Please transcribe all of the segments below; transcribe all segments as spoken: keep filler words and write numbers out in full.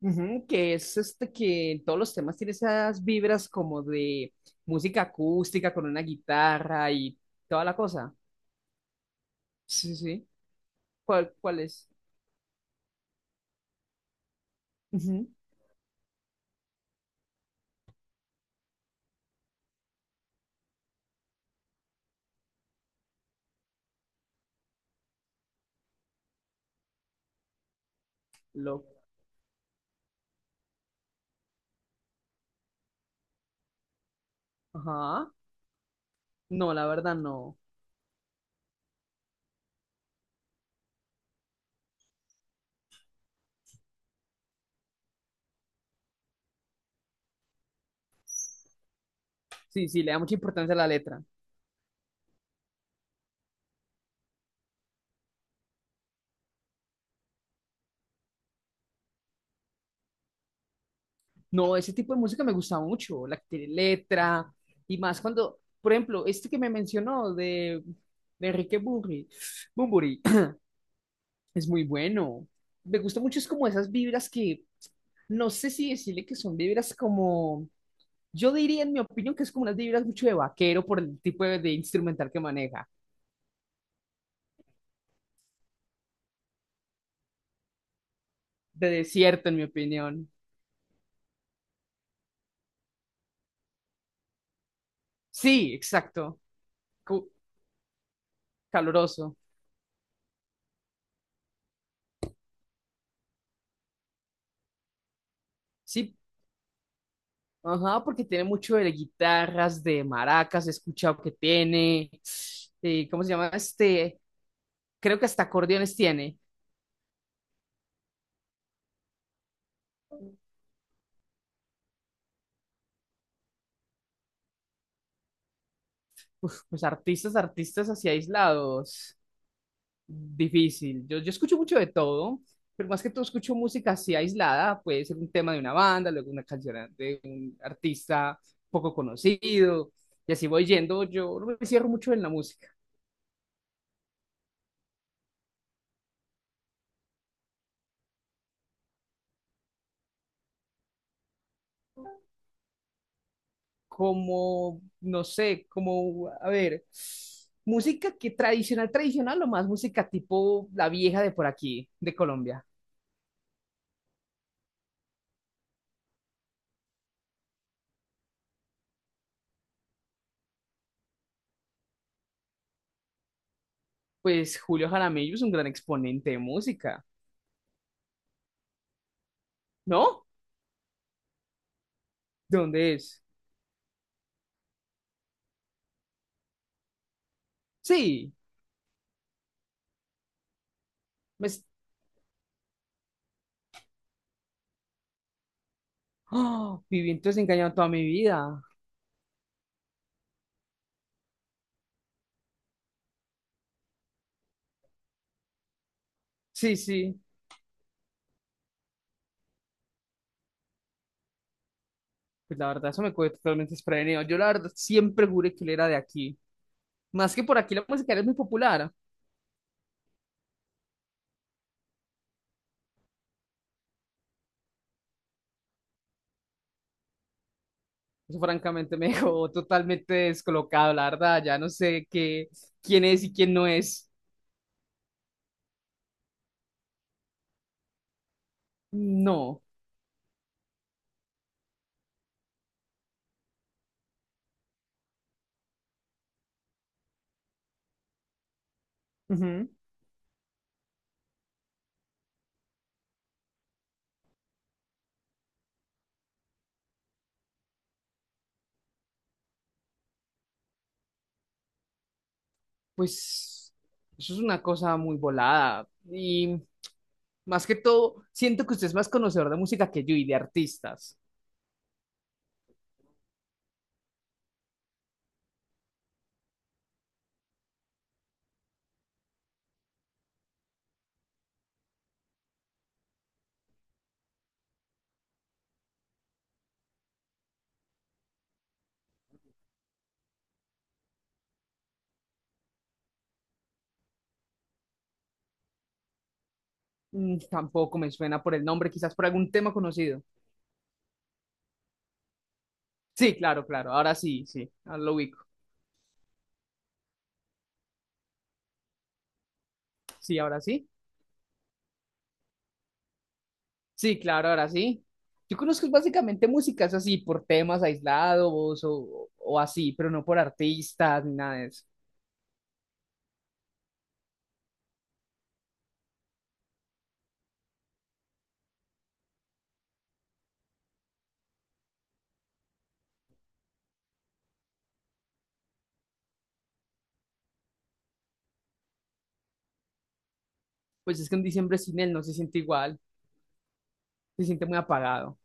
Ujú, que es este que en todos los temas tiene esas vibras como de música acústica con una guitarra y toda la cosa. Sí, sí. ¿Cuál, cuál es? Ujú, Lo. Ajá. No, la verdad no. Sí, sí, le da mucha importancia a la letra. No, ese tipo de música me gusta mucho, la que tiene letra y más cuando, por ejemplo, este que me mencionó de, de Enrique Burri, Bunbury. Es muy bueno. Me gusta mucho, es como esas vibras que, no sé si decirle que son vibras como, yo diría en mi opinión que es como unas vibras mucho de vaquero por el tipo de, de instrumental que maneja. De desierto, en mi opinión. Sí, exacto. cu- Caloroso. Sí, ajá, porque tiene mucho de guitarras, de maracas, he escuchado que tiene. Eh, ¿cómo se llama? Este, creo que hasta acordeones tiene. Uf, pues artistas, artistas así aislados. Difícil. Yo, yo escucho mucho de todo, pero más que todo escucho música así aislada. Puede ser un tema de una banda, luego una canción de un artista poco conocido. Y así voy yendo. Yo no me cierro mucho en la música. Como, no sé, como, a ver, música que tradicional, tradicional o más música tipo la vieja de por aquí, de Colombia. Pues Julio Jaramillo es un gran exponente de música, ¿no? ¿De dónde es? Sí, me, ¡oh! Viví entonces engañado toda mi vida. Sí, sí. Pues la verdad, eso me cogió totalmente desprevenido. Yo la verdad siempre juré que él era de aquí. Más que por aquí la música era muy popular. Eso francamente me dejó totalmente descolocado, la verdad. Ya no sé qué, quién es y quién no es. No. Ujú. Pues eso es una cosa muy volada. Y más que todo, siento que usted es más conocedor de música que yo y de artistas. Mm, tampoco me suena por el nombre, quizás por algún tema conocido. Sí, claro, claro. Ahora sí, sí. Ahora lo ubico. Sí, ahora sí. Sí, claro, ahora sí. Yo conozco básicamente músicas así, por temas aislados o, o así, pero no por artistas ni nada de eso. Pues es que un diciembre sin él no se siente igual, se siente muy apagado.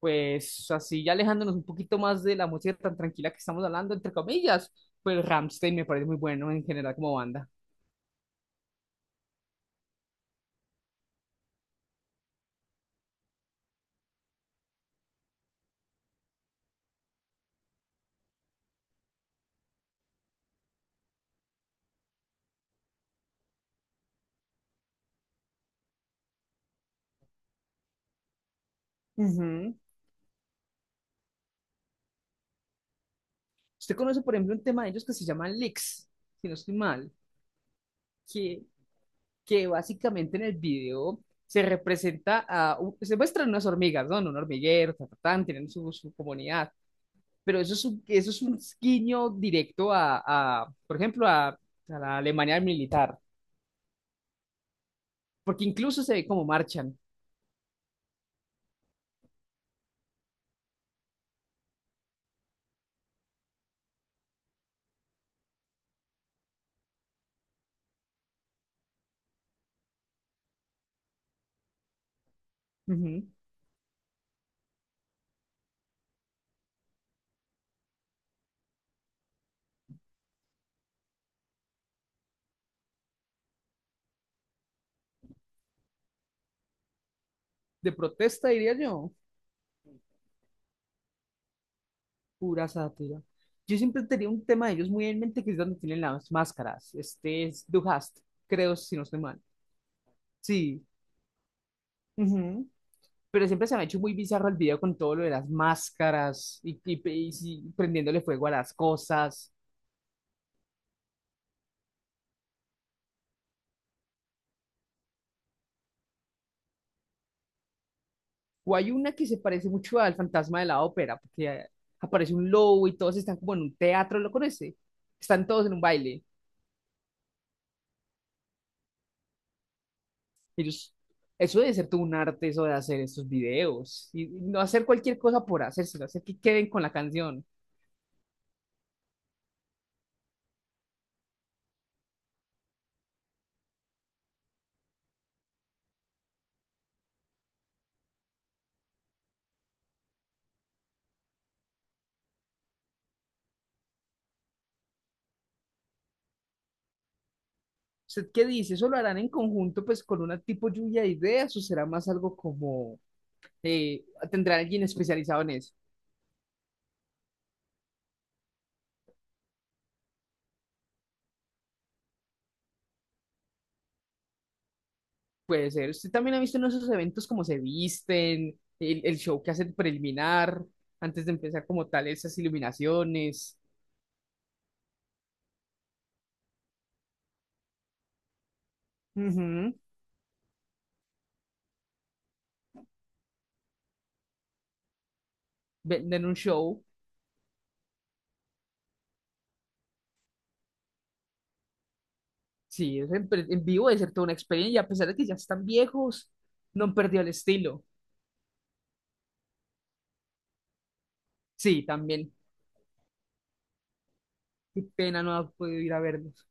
Pues así, ya alejándonos un poquito más de la música tan tranquila que estamos hablando, entre comillas, pues Rammstein me parece muy bueno en general como banda. Ujú. Usted conoce, por ejemplo, un tema de ellos que se llama Licks, si no estoy mal, que que básicamente en el video se representa a, u- se muestran unas hormigas, ¿no? En un hormiguero, ta, ta, tan, tienen su, su comunidad, pero eso es un, eso es un guiño directo a, a, por ejemplo, a, a la Alemania militar, porque incluso se ve cómo marchan. Ujú. De protesta, diría yo, pura sátira. Yo siempre tenía un tema de ellos muy en mente, que es donde tienen las máscaras. Este es Du hast, creo, si no estoy mal. Sí. Ujú. Pero siempre se me ha hecho muy bizarro el video con todo lo de las máscaras y, y, y si- prendiéndole fuego a las cosas. O hay una que se parece mucho al fantasma de la ópera, porque eh, aparece un lobo y todos están como en un teatro, ¿lo conoce? Están todos en un baile. Ellos, eso debe ser todo un arte, eso de hacer estos videos. Y no hacer cualquier cosa por hacerse, hacer que queden con la canción. ¿Usted qué dice? ¿Eso lo harán en conjunto, pues, con una tipo lluvia de ideas o será más algo como, eh, tendrá alguien especializado en eso? Puede ser. ¿Usted también ha visto en esos eventos cómo se visten, el, el show que hacen preliminar, antes de empezar como tal esas iluminaciones? Ujú. Venden un show. Sí, es en, en vivo debe ser toda una experiencia, y a pesar de que ya están viejos, no han perdido el estilo. Sí, también. Qué pena no haber podido ir a verlos.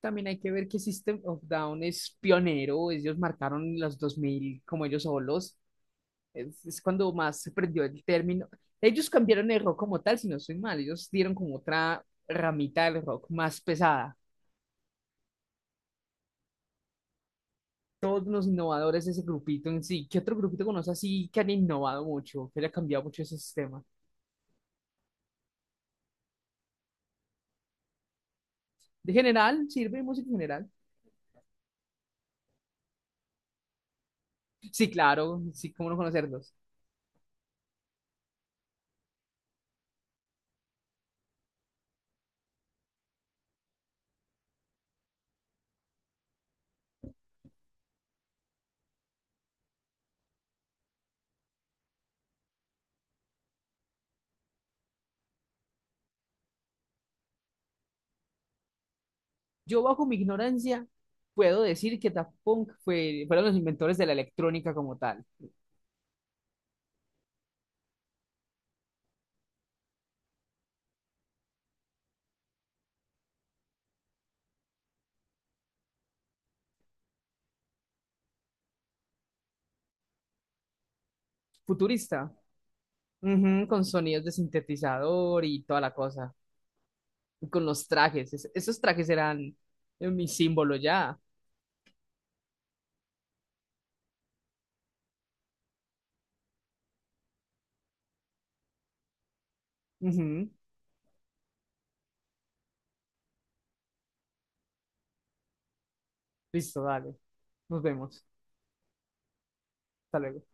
También hay que ver que System of Down es pionero, ellos marcaron los dos mil como ellos solos. Es, es cuando más se prendió el término. Ellos cambiaron el rock como tal, si no estoy mal. Ellos dieron como otra ramita del rock más pesada. Todos los innovadores de ese grupito en sí. ¿Qué otro grupito conoces así que han innovado mucho, que le ha cambiado mucho ese sistema? De general, sirve de música en general. Sí, claro, sí, cómo no conocerlos. Yo bajo mi ignorancia puedo decir que Daft Punk fue, fueron los inventores de la electrónica como tal. Futurista, ujú, con sonidos de sintetizador y toda la cosa. Y con los trajes, es- esos trajes eran eh, mi símbolo ya. Ujú, listo, dale. Nos vemos. Hasta luego.